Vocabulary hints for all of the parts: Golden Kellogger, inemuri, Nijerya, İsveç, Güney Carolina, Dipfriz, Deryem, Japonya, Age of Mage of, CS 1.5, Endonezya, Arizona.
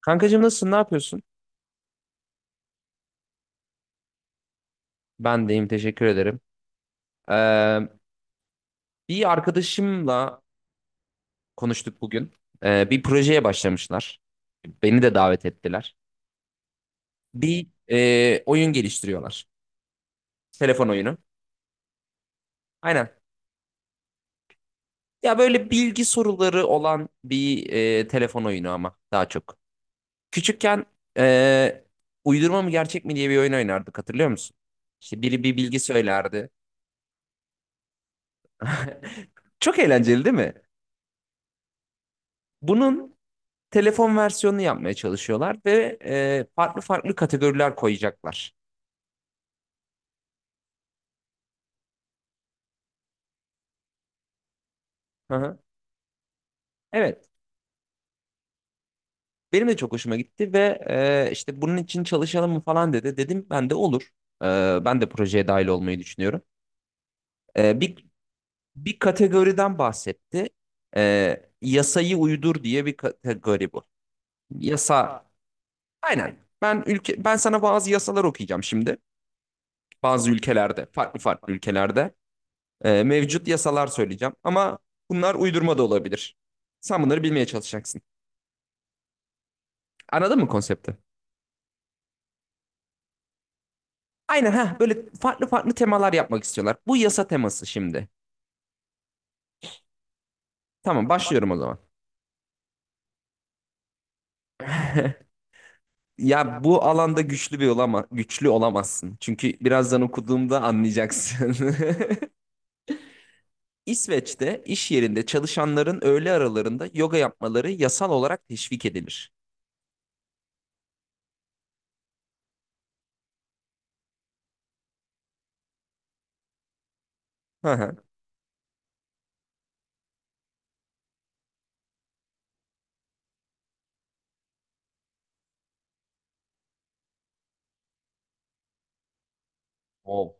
Kankacığım nasılsın? Ne yapıyorsun? Ben deyim. Teşekkür ederim. Ee, Bir arkadaşımla konuştuk bugün. Bir projeye başlamışlar. Beni de davet ettiler. Bir oyun geliştiriyorlar. Telefon oyunu. Aynen. Ya böyle bilgi soruları olan bir telefon oyunu ama daha çok. Küçükken e, uydurma mı gerçek mi diye bir oyun oynardık, hatırlıyor musun? İşte biri bir bilgi söylerdi. Çok eğlenceli değil mi? Bunun telefon versiyonunu yapmaya çalışıyorlar ve farklı farklı kategoriler koyacaklar. Hı hı. Evet. Benim de çok hoşuma gitti ve işte bunun için çalışalım mı falan dedi. Dedim ben de olur. E, Ben de projeye dahil olmayı düşünüyorum. E, bir bir kategoriden bahsetti. Yasayı uydur diye bir kategori bu. Yasa. Aynen. Ben sana bazı yasalar okuyacağım şimdi. Bazı ülkelerde, farklı farklı ülkelerde mevcut yasalar söyleyeceğim. Ama bunlar uydurma da olabilir. Sen bunları bilmeye çalışacaksın. Anladın mı konsepti? Aynen, ha böyle farklı farklı temalar yapmak istiyorlar. Bu yasa teması şimdi. Tamam, başlıyorum o zaman. Ya bu alanda güçlü olamazsın. Çünkü birazdan okuduğumda anlayacaksın. İsveç'te iş yerinde çalışanların öğle aralarında yoga yapmaları yasal olarak teşvik edilir. Hı hı.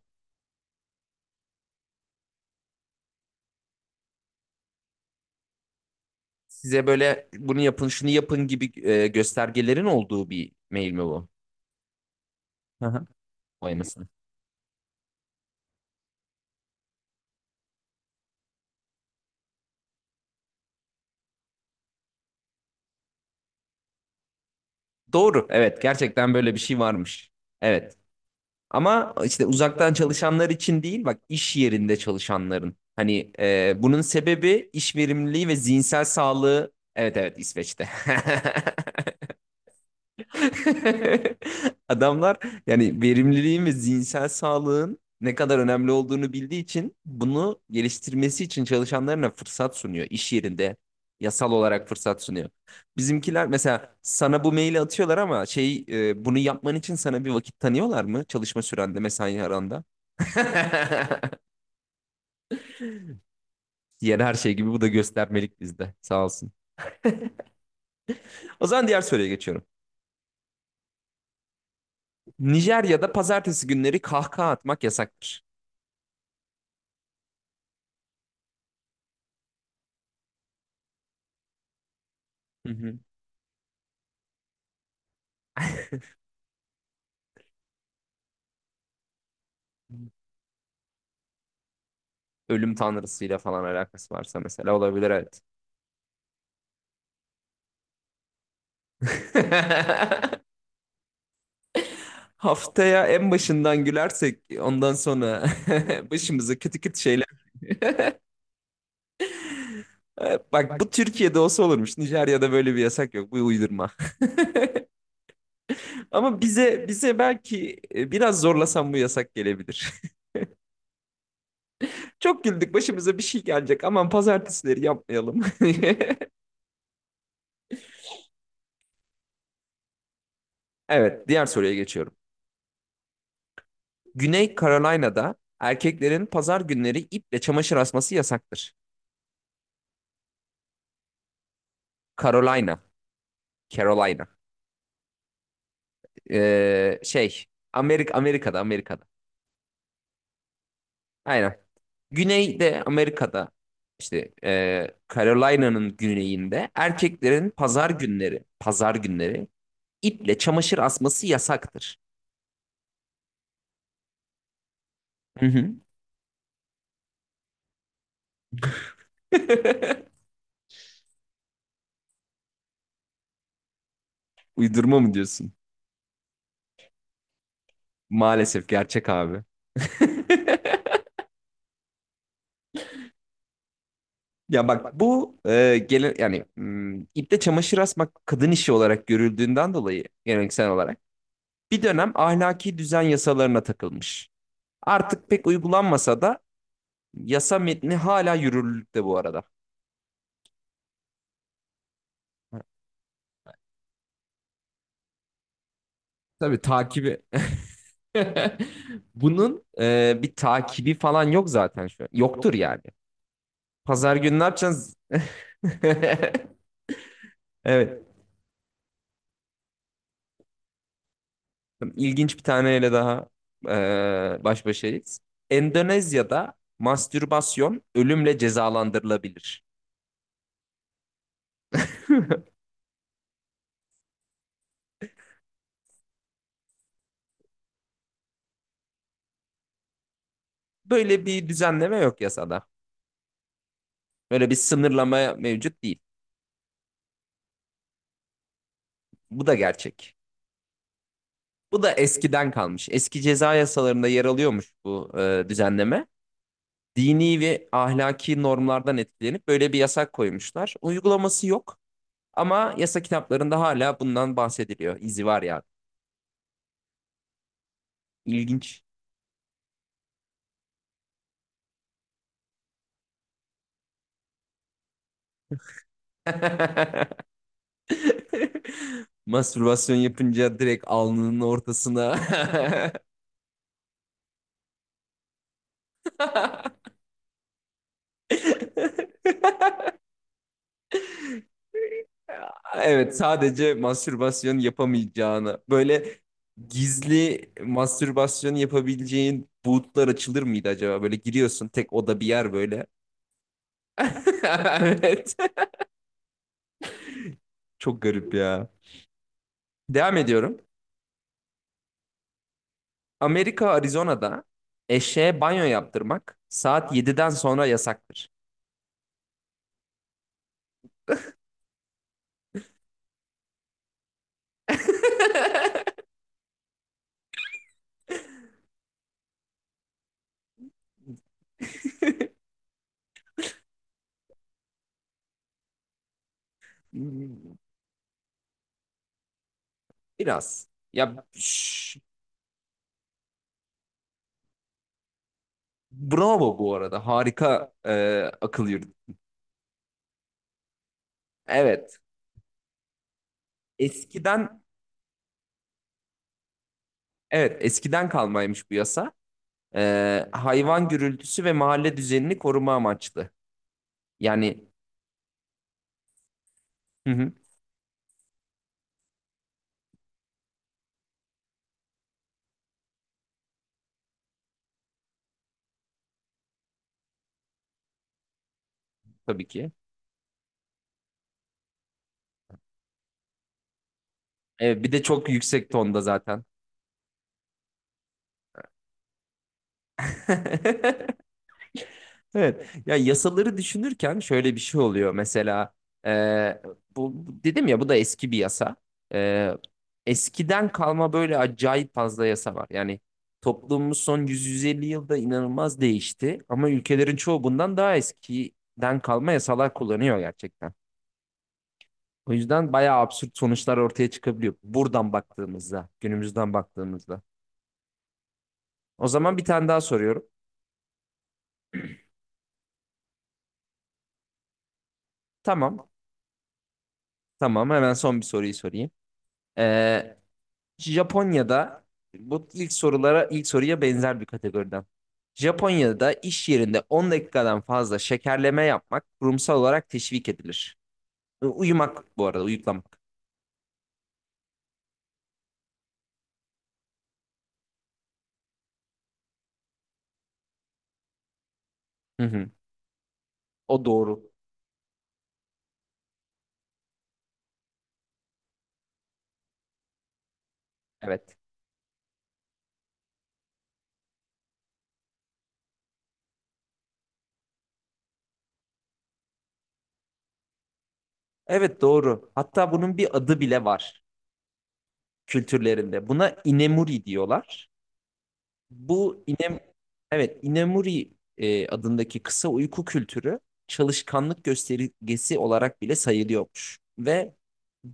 Size böyle bunu yapın, şunu yapın gibi göstergelerin olduğu bir mail mi bu? Hı hı. Vay anasını. Doğru. Evet, gerçekten böyle bir şey varmış. Evet. Ama işte uzaktan çalışanlar için değil, bak iş yerinde çalışanların. Hani bunun sebebi iş verimliliği ve zihinsel sağlığı. Evet, evet, İsveç'te. Adamlar yani verimliliğin ve zihinsel sağlığın ne kadar önemli olduğunu bildiği için bunu geliştirmesi için çalışanlarına fırsat sunuyor iş yerinde. Yasal olarak fırsat sunuyor. Bizimkiler mesela sana bu maili atıyorlar ama bunu yapman için sana bir vakit tanıyorlar mı? Çalışma sürende, mesai aranda. Diğer her şey gibi bu da göstermelik bizde. Sağ olsun. O zaman diğer soruya geçiyorum. Nijerya'da pazartesi günleri kahkaha atmak yasaktır. Hı hı. Ölüm tanrısıyla falan alakası varsa mesela olabilir, evet. Haftaya en başından gülersek ondan sonra başımıza kötü kötü şeyler. Bak, bu Türkiye'de olsa olurmuş. Nijerya'da böyle bir yasak yok. Bu uydurma. Ama bize belki biraz zorlasam bu yasak gelebilir. Çok güldük. Başımıza bir şey gelecek. Aman pazartesileri yapmayalım. Evet, diğer soruya geçiyorum. Güney Carolina'da erkeklerin pazar günleri iple çamaşır asması yasaktır. Carolina, Carolina. Ee, şey Amerika'da. Aynen. Güneyde Amerika'da işte Carolina'nın güneyinde erkeklerin pazar günleri iple çamaşır asması yasaktır. Hı hı. Uydurma mı diyorsun? Maalesef gerçek abi. Ya bak bu yani iple çamaşır asmak kadın işi olarak görüldüğünden dolayı geleneksel olarak bir dönem ahlaki düzen yasalarına takılmış. Artık pek uygulanmasa da yasa metni hala yürürlükte bu arada. Tabii takibi. Bunun bir takibi falan yok zaten şu an. Yoktur yani. Pazar günü ne yapacağız? Evet. İlginç bir taneyle daha e, baş başayız. Endonezya'da mastürbasyon ölümle cezalandırılabilir. Böyle bir düzenleme yok yasada. Böyle bir sınırlama mevcut değil. Bu da gerçek. Bu da eskiden kalmış. Eski ceza yasalarında yer alıyormuş bu düzenleme. Dini ve ahlaki normlardan etkilenip böyle bir yasak koymuşlar. Uygulaması yok ama yasa kitaplarında hala bundan bahsediliyor. İzi var ya. İlginç. Mastürbasyon yapınca direkt alnının ortasına. Evet, sadece mastürbasyon yapamayacağını böyle gizli mastürbasyon yapabileceğin bootlar açılır mıydı acaba? Böyle giriyorsun, tek oda bir yer böyle. Evet. Çok garip ya. Devam ediyorum. Amerika Arizona'da eşeğe banyo yaptırmak saat 7'den sonra yasaktır. Biraz. Ya şş, Bravo bu arada. Harika akıl yürüdü. Evet. Eskiden, evet eskiden kalmaymış bu yasa. Hayvan gürültüsü ve mahalle düzenini koruma amaçlı. Yani hı hı, tabii ki. Evet, bir de çok yüksek tonda zaten. Evet. Ya yasaları düşünürken şöyle bir şey oluyor. Mesela e, dedim ya bu da eski bir yasa. E, Eskiden kalma böyle acayip fazla yasa var. Yani toplumumuz son 100-150 yılda inanılmaz değişti. Ama ülkelerin çoğu bundan daha eskiden kalma yasalar kullanıyor gerçekten. O yüzden bayağı absürt sonuçlar ortaya çıkabiliyor. Buradan baktığımızda, günümüzden baktığımızda. O zaman bir tane daha soruyorum. Tamam, tamam. Hemen son bir soruyu sorayım. Japonya'da bu ilk sorulara ilk soruya benzer bir kategoriden. Japonya'da iş yerinde 10 dakikadan fazla şekerleme yapmak kurumsal olarak teşvik edilir. Uyumak, bu arada uyuklamak. Hı hı. O doğru. Evet. Evet, doğru. Hatta bunun bir adı bile var kültürlerinde. Buna inemuri diyorlar. Bu inem Evet, inemuri adındaki kısa uyku kültürü çalışkanlık göstergesi olarak bile sayılıyormuş ve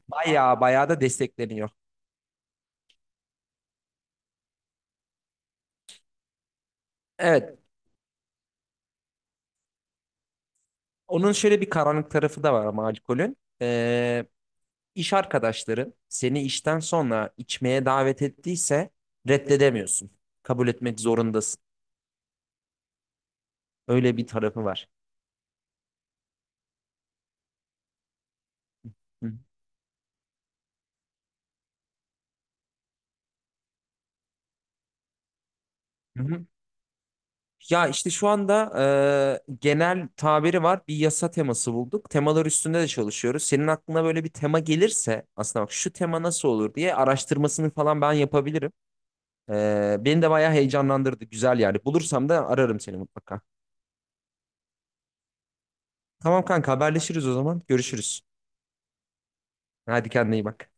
bayağı bayağı da destekleniyor. Evet. Onun şöyle bir karanlık tarafı da var ama alkolün. İş arkadaşların seni işten sonra içmeye davet ettiyse reddedemiyorsun. Kabul etmek zorundasın. Öyle bir tarafı var. Hı hı. Hı. Ya işte şu anda genel tabiri var. Bir yasa teması bulduk. Temalar üstünde de çalışıyoruz. Senin aklına böyle bir tema gelirse aslında bak şu tema nasıl olur diye araştırmasını falan ben yapabilirim. Beni de bayağı heyecanlandırdı. Güzel yani. Bulursam da ararım seni mutlaka. Tamam, kanka haberleşiriz o zaman. Görüşürüz. Hadi kendine iyi bak.